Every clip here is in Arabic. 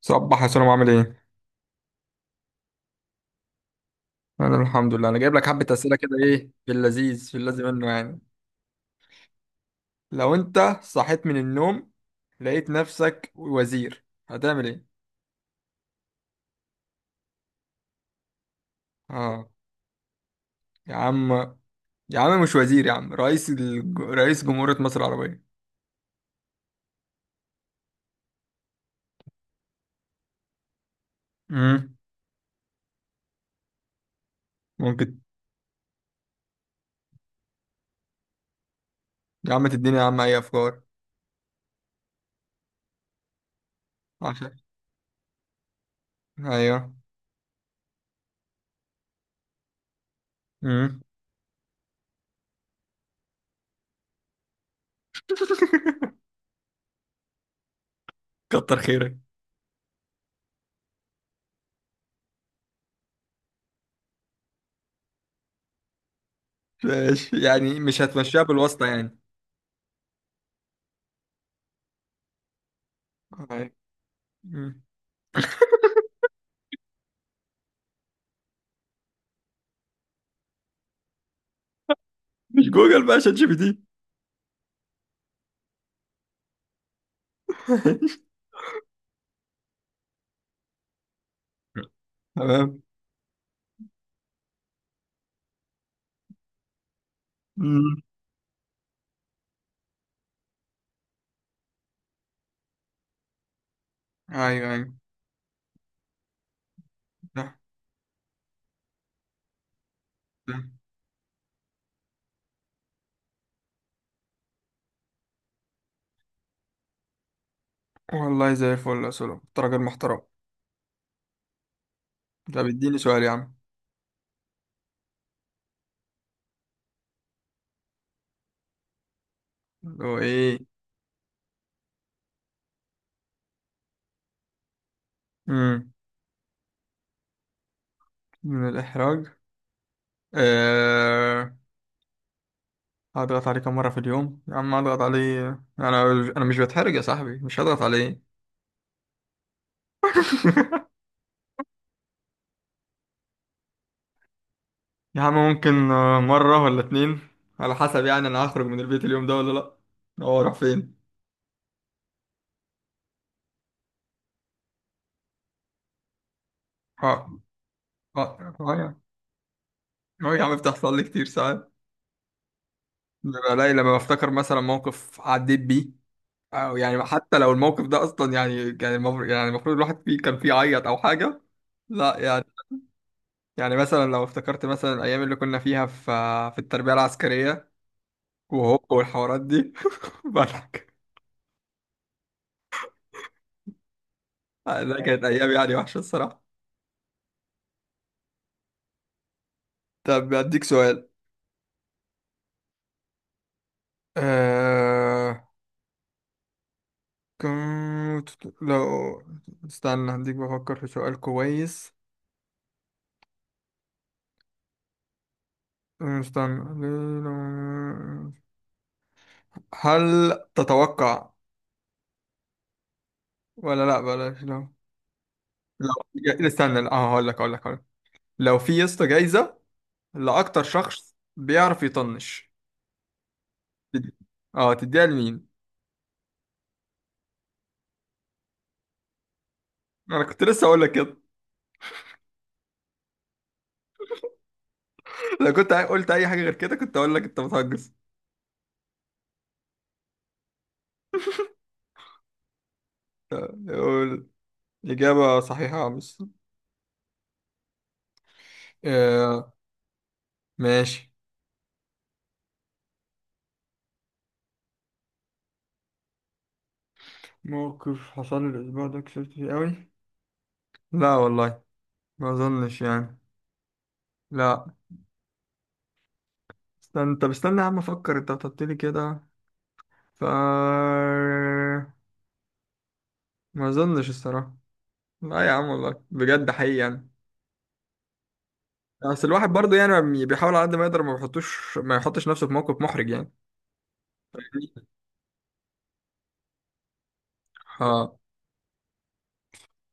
صباح يا سلام، عامل ايه؟ انا الحمد لله. انا جايب لك حبة اسئلة كده، ايه في اللذيذ منه يعني. لو انت صحيت من النوم لقيت نفسك وزير هتعمل ايه؟ اه. يا عم، يا عم مش وزير يا عم، رئيس جمهورية مصر العربية. امم ممكن. يا عم تديني يا عم اي افكار. عشان، ايوه. امم كتر خيرك. ماشي، يعني مش هتمشيها بالواسطة يعني. أيوة. مم. مش جوجل بقى، شات جي بي تي. تمام. مم. ايوه. صح. صح. والله زي الفل يا سولو، انت راجل محترم. طب اديني سؤال يا عم. اللي هو ايه؟ مم. من الإحراج. آه... هضغط عليه كم مرة في اليوم يا عم، هضغط عليه. أنا أنا مش بتحرج يا صاحبي، مش هضغط عليه. يا عم ممكن مرة ولا اتنين، على حسب يعني. أنا هخرج من البيت اليوم ده ولا لأ؟ هو راح فين؟ اه. اه. اه يا عم، بتحصل لي كتير ساعات. ببقى لي لما بفتكر مثلا موقف عديت بيه، أو يعني حتى لو الموقف ده اصلا يعني كان المفروض، يعني المفروض الواحد فيه كان فيه عيط او حاجه. لا يعني. يعني مثلا لو افتكرت مثلا الايام اللي كنا فيها في التربيه العسكريه، وهوب والحوارات دي. بالك. لا كانت ايام يعني وحشه الصراحه. طب اديك سؤال. أه... كنت، لو، استنى هديك، بفكر في سؤال كويس. استنى. هل تتوقع، ولا لا، بلاش، لا. لو، استنى اه، هقول لك. لو في يا اسطى جايزة لأكتر شخص بيعرف يطنش، تد- اه تديها لمين؟ انا كنت لسه هقول لك كده. قلت اي حاجة غير كده كنت هقول لك انت بتهجس. قول. إجابة صحيحة يا عم. آه. ماشي. موقف حصل لي الأسبوع ده كسبت فيه أوي؟ لا والله، ما أظنش يعني. لا. استنى، طب استنى يا عم أفكر، أنت بتحط لي كده، ف، ما أظنش الصراحة. لا يا عم والله بجد، حقيقي يعني. بس الواحد برضه يعني بيحاول على قد ما يقدر ما بيحطوش، ما يحطش نفسه في موقف محرج يعني. اه.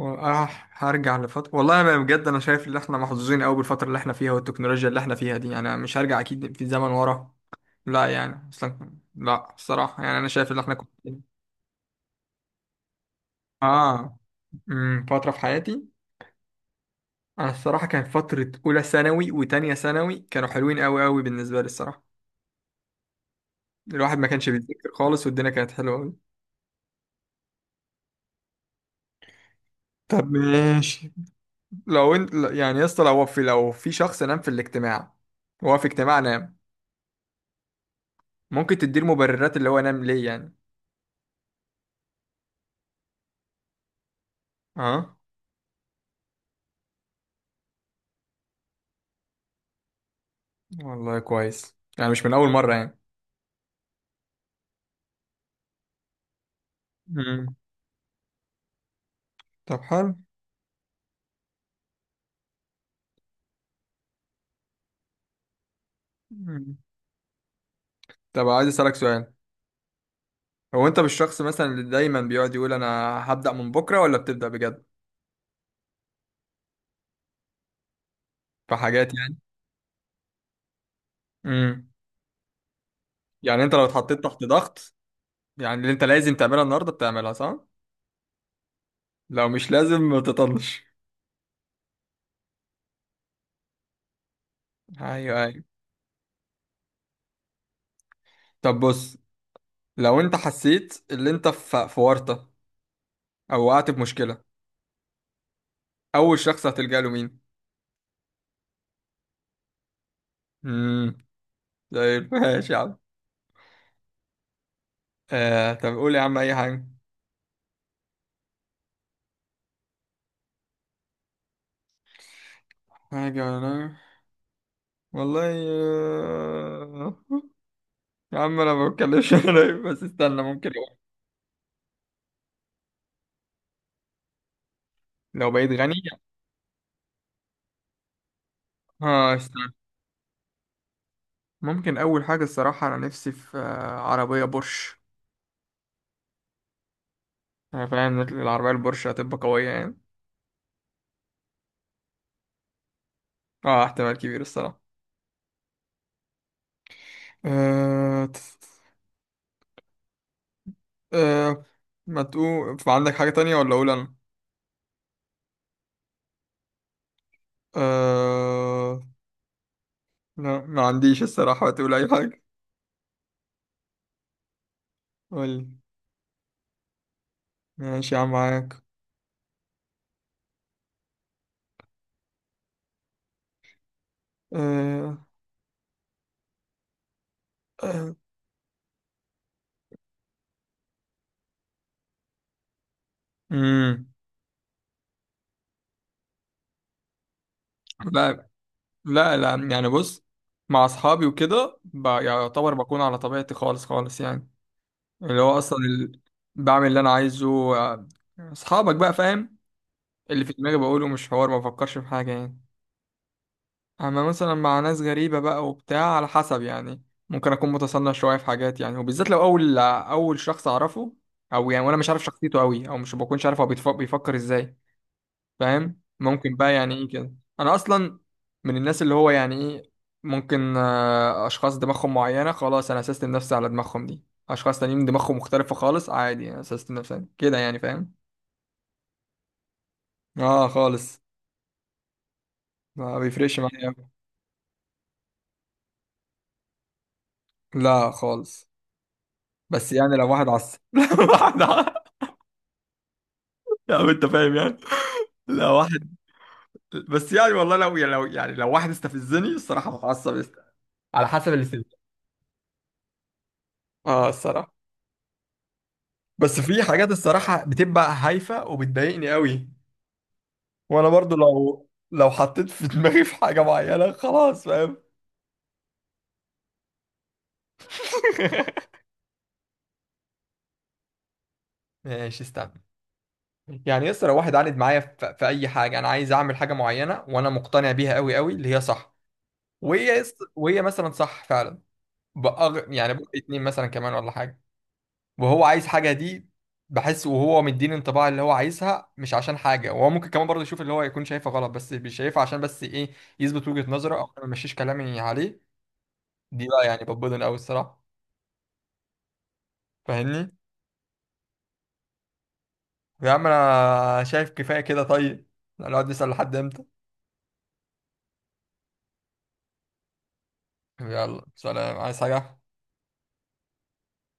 هرجع لفترة؟ والله أنا بجد أنا شايف إن إحنا محظوظين أوي بالفترة اللي إحنا فيها والتكنولوجيا اللي إحنا فيها دي يعني، أنا مش هرجع أكيد في زمن ورا. لا يعني أصلا، لا الصراحة، يعني أنا شايف إن إحنا كنا، آه، أمم، فترة في حياتي. أنا الصراحة كانت فترة أولى ثانوي وتانية ثانوي كانوا حلوين أوي أوي بالنسبة لي الصراحة. الواحد ما كانش بيذاكر خالص والدنيا كانت حلوة أوي. طب ماشي. لو انت يعني يا اسطى، لو في شخص نام في الاجتماع، هو في اجتماع نام، ممكن تديله مبررات اللي هو نام ليه يعني؟ اه. والله كويس، يعني مش من اول مره يعني. مم. طب حلو. مم. طب عايز اسالك سؤال، هو انت مش شخص مثلا اللي دايما بيقعد يقول انا هبدا من بكره، ولا بتبدا بجد في حاجات يعني؟ امم. يعني انت لو اتحطيت تحت ضغط، يعني اللي انت لازم تعملها النهارده بتعملها، صح؟ لو مش لازم ما تطنش. ايوه. طب بص، لو انت حسيت اللي انت في ورطه، او وقعت في مشكله، اول شخص هتلجأ له مين؟ امم. طيب. ماشي يا عم. آه طب قول يا عم اي حاجه. حاجه ولا، والله، آه، يا عم انا ما بتكلمش. انا بس استنى ممكن أقول. لو بقيت غني، اه استنى، ممكن اول حاجه الصراحه انا نفسي في عربيه بورش. انا فاهم إن العربيه البورش هتبقى قويه يعني. اه احتمال كبير الصراحه. آه تس- آه. ما تقول عندك حاجه تانية، ولا اقول انا؟ آه... لا ما عنديش الصراحة، تقول أي حاجة. قول. ماشي يا عم معاك. أه... أه... آه. مم. لا لا يعني بص، مع أصحابي وكده يعتبر بكون على طبيعتي خالص خالص يعني. اللي هو أصلا ال... بعمل اللي أنا عايزه. أصحابك بقى فاهم، اللي في دماغي بقوله، مش حوار ما بفكرش في حاجة يعني. اما مثلا مع ناس غريبة بقى وبتاع على حسب يعني، ممكن اكون متصنع شوية في حاجات يعني، وبالذات لو اول شخص اعرفه، او يعني وانا مش عارف شخصيته قوي، او مش بكونش عارف هو بيفكر ازاي. فاهم؟ ممكن بقى يعني ايه كده. انا اصلا من الناس اللي هو يعني ايه، ممكن اشخاص دماغهم معينة خلاص انا سيستم نفسي على دماغهم، دي اشخاص تانيين دماغهم مختلفة خالص، عادي انا سيستم نفسي كده يعني. فاهم؟ اه خالص، ما بيفرقش معايا أوي. لا خالص. بس يعني لو واحد عصب، لو واحد يعني انت فاهم يعني. لا واحد، بس يعني والله لو يعني لو واحد استفزني الصراحه هتعصب، على حسب الاستفزاز. اه الصراحه. بس في حاجات الصراحه بتبقى هايفه وبتضايقني قوي، وانا برضو لو حطيت في دماغي في حاجه معينه خلاص فاهم. ماشي، استنى. يعني يسر، لو واحد عاند معايا في, في اي حاجه انا عايز اعمل حاجه معينه وانا مقتنع بيها قوي قوي اللي هي صح، وهي مثلا صح فعلا، يعني بقى اتنين مثلا كمان ولا حاجه، وهو عايز حاجه دي، بحس وهو مديني انطباع اللي هو عايزها مش عشان حاجه، وهو ممكن كمان برضه يشوف اللي هو يكون شايفها غلط بس مش شايفها عشان بس ايه، يثبت وجهه نظره او أنا ما مشيش كلامي عليه. دي بقى يعني بتبضن قوي الصراحه، فاهمني؟ يا عم انا شايف كفايه كده طيب، نقعد نسال لحد امتى؟ يلا سلام، عايز حاجه؟